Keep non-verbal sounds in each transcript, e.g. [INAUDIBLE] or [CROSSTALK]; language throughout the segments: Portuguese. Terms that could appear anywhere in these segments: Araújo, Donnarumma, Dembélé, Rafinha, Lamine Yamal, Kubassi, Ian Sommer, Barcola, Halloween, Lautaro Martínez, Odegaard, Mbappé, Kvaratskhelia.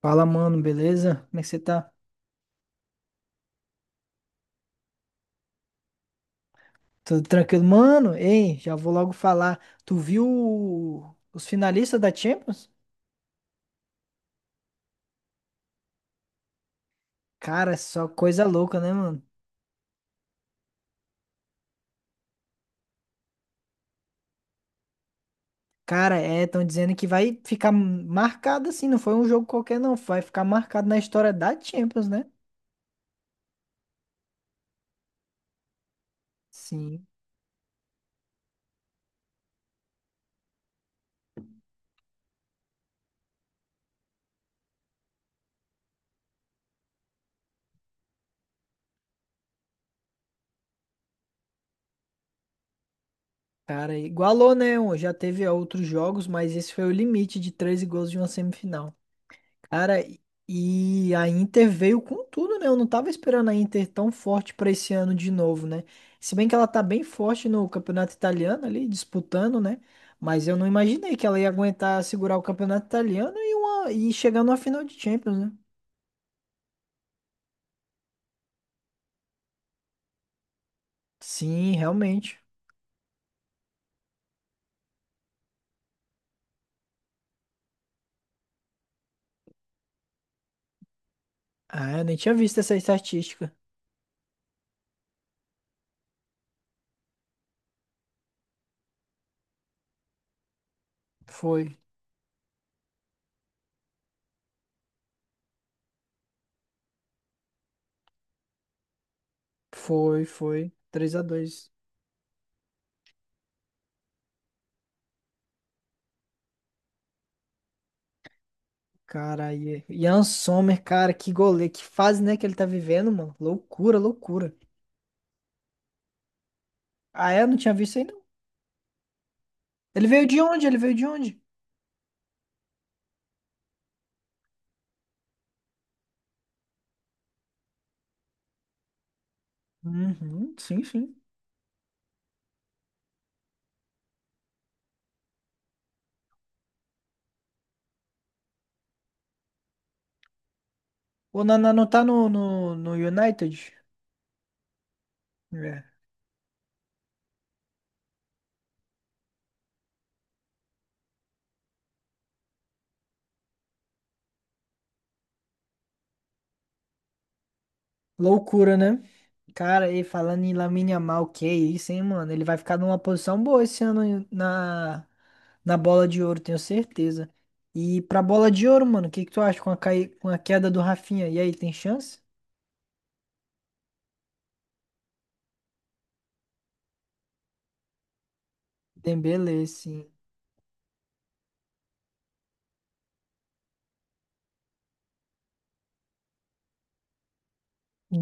Fala, mano, beleza? Como é que você tá? Tudo tranquilo? Mano, ei, já vou logo falar. Tu viu os finalistas da Champions? Cara, é só coisa louca, né, mano? Cara, é, estão dizendo que vai ficar marcado assim, não foi um jogo qualquer, não. Vai ficar marcado na história da Champions, né? Sim. Cara, igualou, né? Já teve outros jogos, mas esse foi o limite de 13 gols de uma semifinal. Cara, e a Inter veio com tudo, né? Eu não tava esperando a Inter tão forte pra esse ano de novo, né? Se bem que ela tá bem forte no campeonato italiano ali, disputando, né? Mas eu não imaginei que ela ia aguentar segurar o campeonato italiano e, uma, e chegar numa final de Champions, né? Sim, realmente. Ah, eu nem tinha visto essa estatística. Foi, foi. Três a dois. Cara, e Ian Sommer, cara, que goleiro, que fase, né, que ele tá vivendo, mano. Loucura, loucura. Ah, é? Eu não tinha visto ainda. Ele veio de onde? Uhum, sim, sim. O Naná não tá no United? É. Loucura, né? Cara, e falando em Lamine Yamal, que isso, hein, mano? Ele vai ficar numa posição boa esse ano na bola de ouro, tenho certeza. E pra bola de ouro, mano, o que que tu acha com a, com a queda do Rafinha? E aí, tem chance? Dembélé, sim.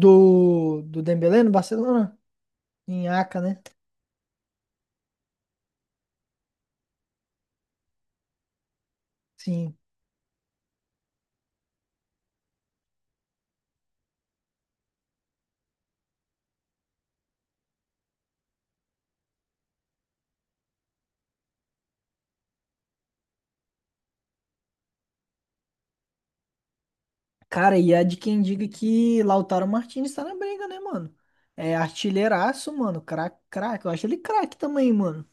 Do, do Dembélé no Barcelona? Em Aca, né? Sim. Cara, e há de quem diga que Lautaro Martínez tá na briga, né, mano? É artilheiraço, mano. Craque, craque. Eu acho ele craque também, mano.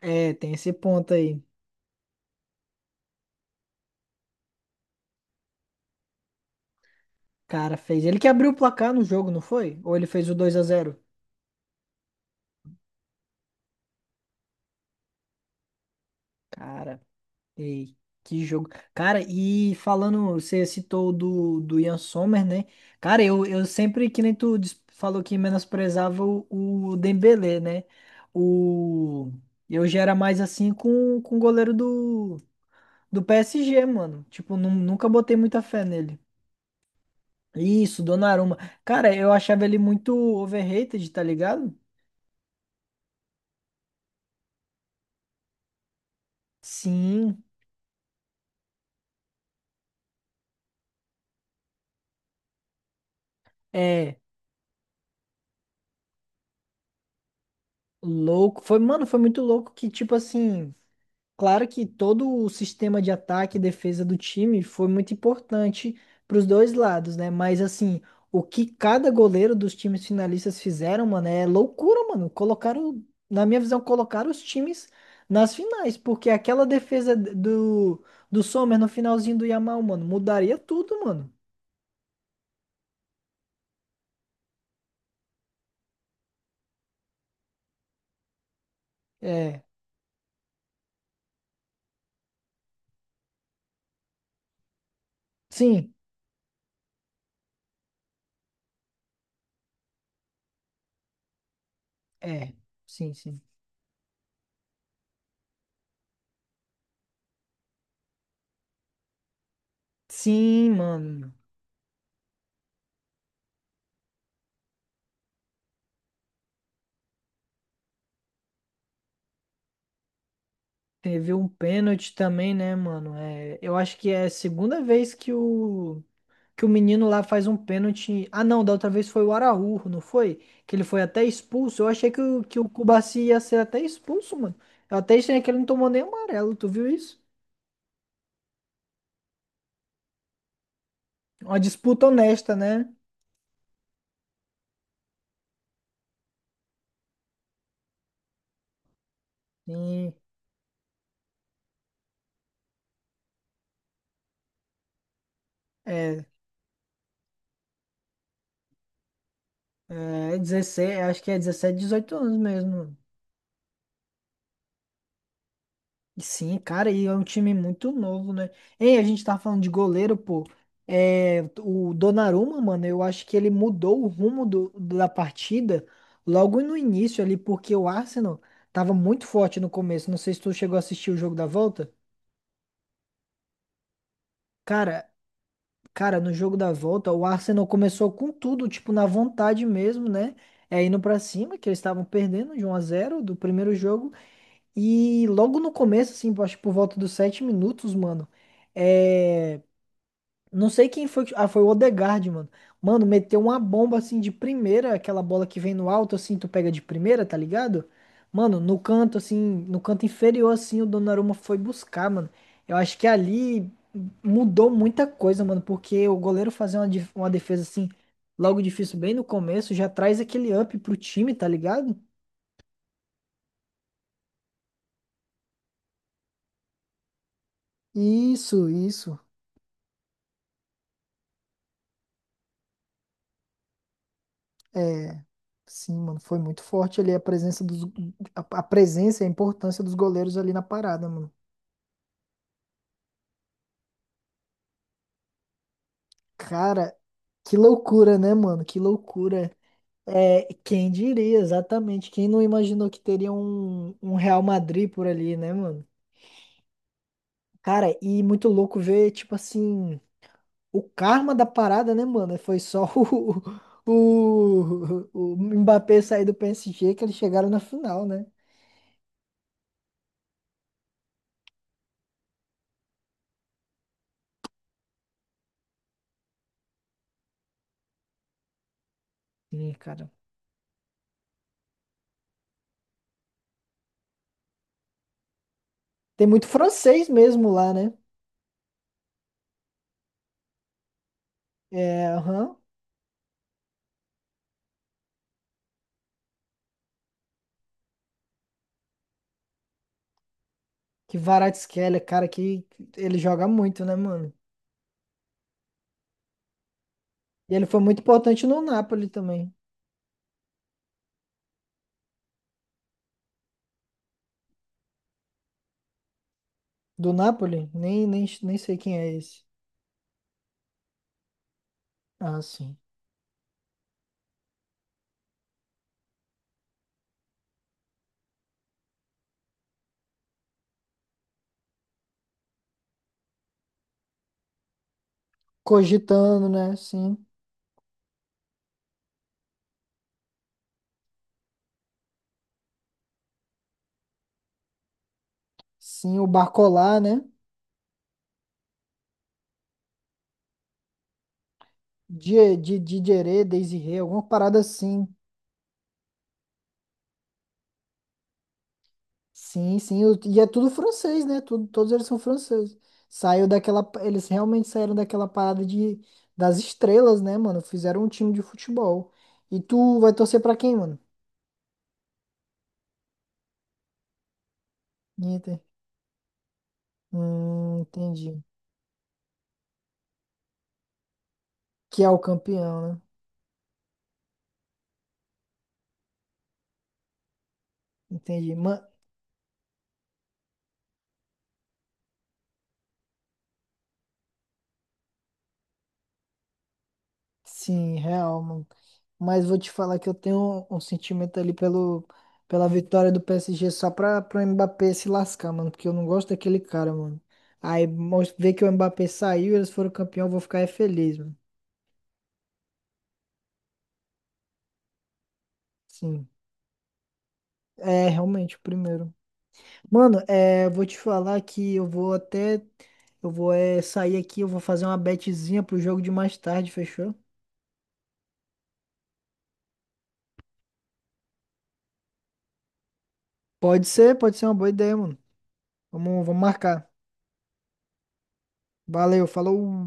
É, tem esse ponto aí. Cara, fez. Ele que abriu o placar no jogo, não foi? Ou ele fez o dois a zero? Cara, ei, que jogo. Cara, e falando, você citou o do, do Ian Sommer, né? Cara, eu sempre, que nem falou que menosprezava o Dembélé, né? O. Eu já era mais assim com o goleiro do. Do PSG, mano. Tipo, nunca botei muita fé nele. Isso, Donnarumma. Cara, eu achava ele muito overrated, tá ligado? Sim, é louco. Foi, mano, foi muito louco que, tipo assim, claro que todo o sistema de ataque e defesa do time foi muito importante para os dois lados, né? Mas assim, o que cada goleiro dos times finalistas fizeram, mano, é loucura, mano. Colocaram, na minha visão, colocaram os times nas finais, porque aquela defesa do, do Sommer no finalzinho do Yamal, mano, mudaria tudo, mano. É, sim, é, sim. Sim, mano. Teve um pênalti também, né, mano? É, eu acho que é a segunda vez que o menino lá faz um pênalti. Ah, não, da outra vez foi o Araújo, não foi? Que ele foi até expulso. Eu achei que o Kubassi ia ser até expulso, mano. Eu até achei que ele não tomou nem amarelo, tu viu isso? Uma disputa honesta, né? E, é, é 16, acho que é 17, 18 anos mesmo. Sim, cara, e é um time muito novo, né? Ei, a gente tá falando de goleiro, pô. É, o Donnarumma, mano, eu acho que ele mudou o rumo do, da partida logo no início ali, porque o Arsenal tava muito forte no começo. Não sei se tu chegou a assistir o jogo da volta. Cara, Cara, no jogo da volta, o Arsenal começou com tudo, tipo, na vontade mesmo, né? É indo pra cima, que eles estavam perdendo de um a zero do primeiro jogo. E logo no começo, assim, acho que por volta dos sete minutos, mano, é... não sei quem foi. Ah, foi o Odegaard, mano. Mano, meteu uma bomba, assim, de primeira, aquela bola que vem no alto, assim, tu pega de primeira, tá ligado? Mano, no canto, assim, no canto inferior, assim, o Donnarumma foi buscar, mano. Eu acho que ali mudou muita coisa, mano, porque o goleiro fazer uma defesa, assim, logo difícil, bem no começo, já traz aquele up pro time, tá ligado? Isso, isso. É, sim, mano, foi muito forte ali a presença dos, a presença e a importância dos goleiros ali na parada, mano. Cara, que loucura, né, mano? Que loucura. É, quem diria exatamente? Quem não imaginou que teria um, um Real Madrid por ali, né, mano? Cara, e muito louco ver, tipo assim, o karma da parada, né, mano? Foi só [LAUGHS] o Mbappé sair do PSG que eles chegaram na final, né? Sim, cara. Tem muito francês mesmo lá, né? É, aham. Que Kvaratskhelia, cara, que ele joga muito, né, mano? E ele foi muito importante no Napoli também. Do Napoli? Nem sei quem é esse. Ah, sim. Cogitando, né? Sim. Sim, o Barcola, né? Dideré, Desiré, alguma parada assim. Sim, sim. E é tudo francês, né? Tudo, todos eles são franceses. Saiu daquela. Eles realmente saíram daquela parada de, das estrelas, né, mano? Fizeram um time de futebol. E tu vai torcer pra quem, mano? Inter. Entendi. Que é o campeão, né? Entendi. Ma- Sim, real, mano. Mas vou te falar que eu tenho um, um sentimento ali pelo, pela vitória do PSG só pra Mbappé se lascar, mano. Porque eu não gosto daquele cara, mano. Aí ver que o Mbappé saiu e eles foram campeão, eu vou ficar é feliz, mano. Sim. É, realmente, o primeiro. Mano, é, eu vou te falar que eu vou até. Eu vou é, sair aqui, eu vou fazer uma betezinha pro jogo de mais tarde, fechou? Pode ser uma boa ideia, mano. Vamos marcar. Valeu, falou.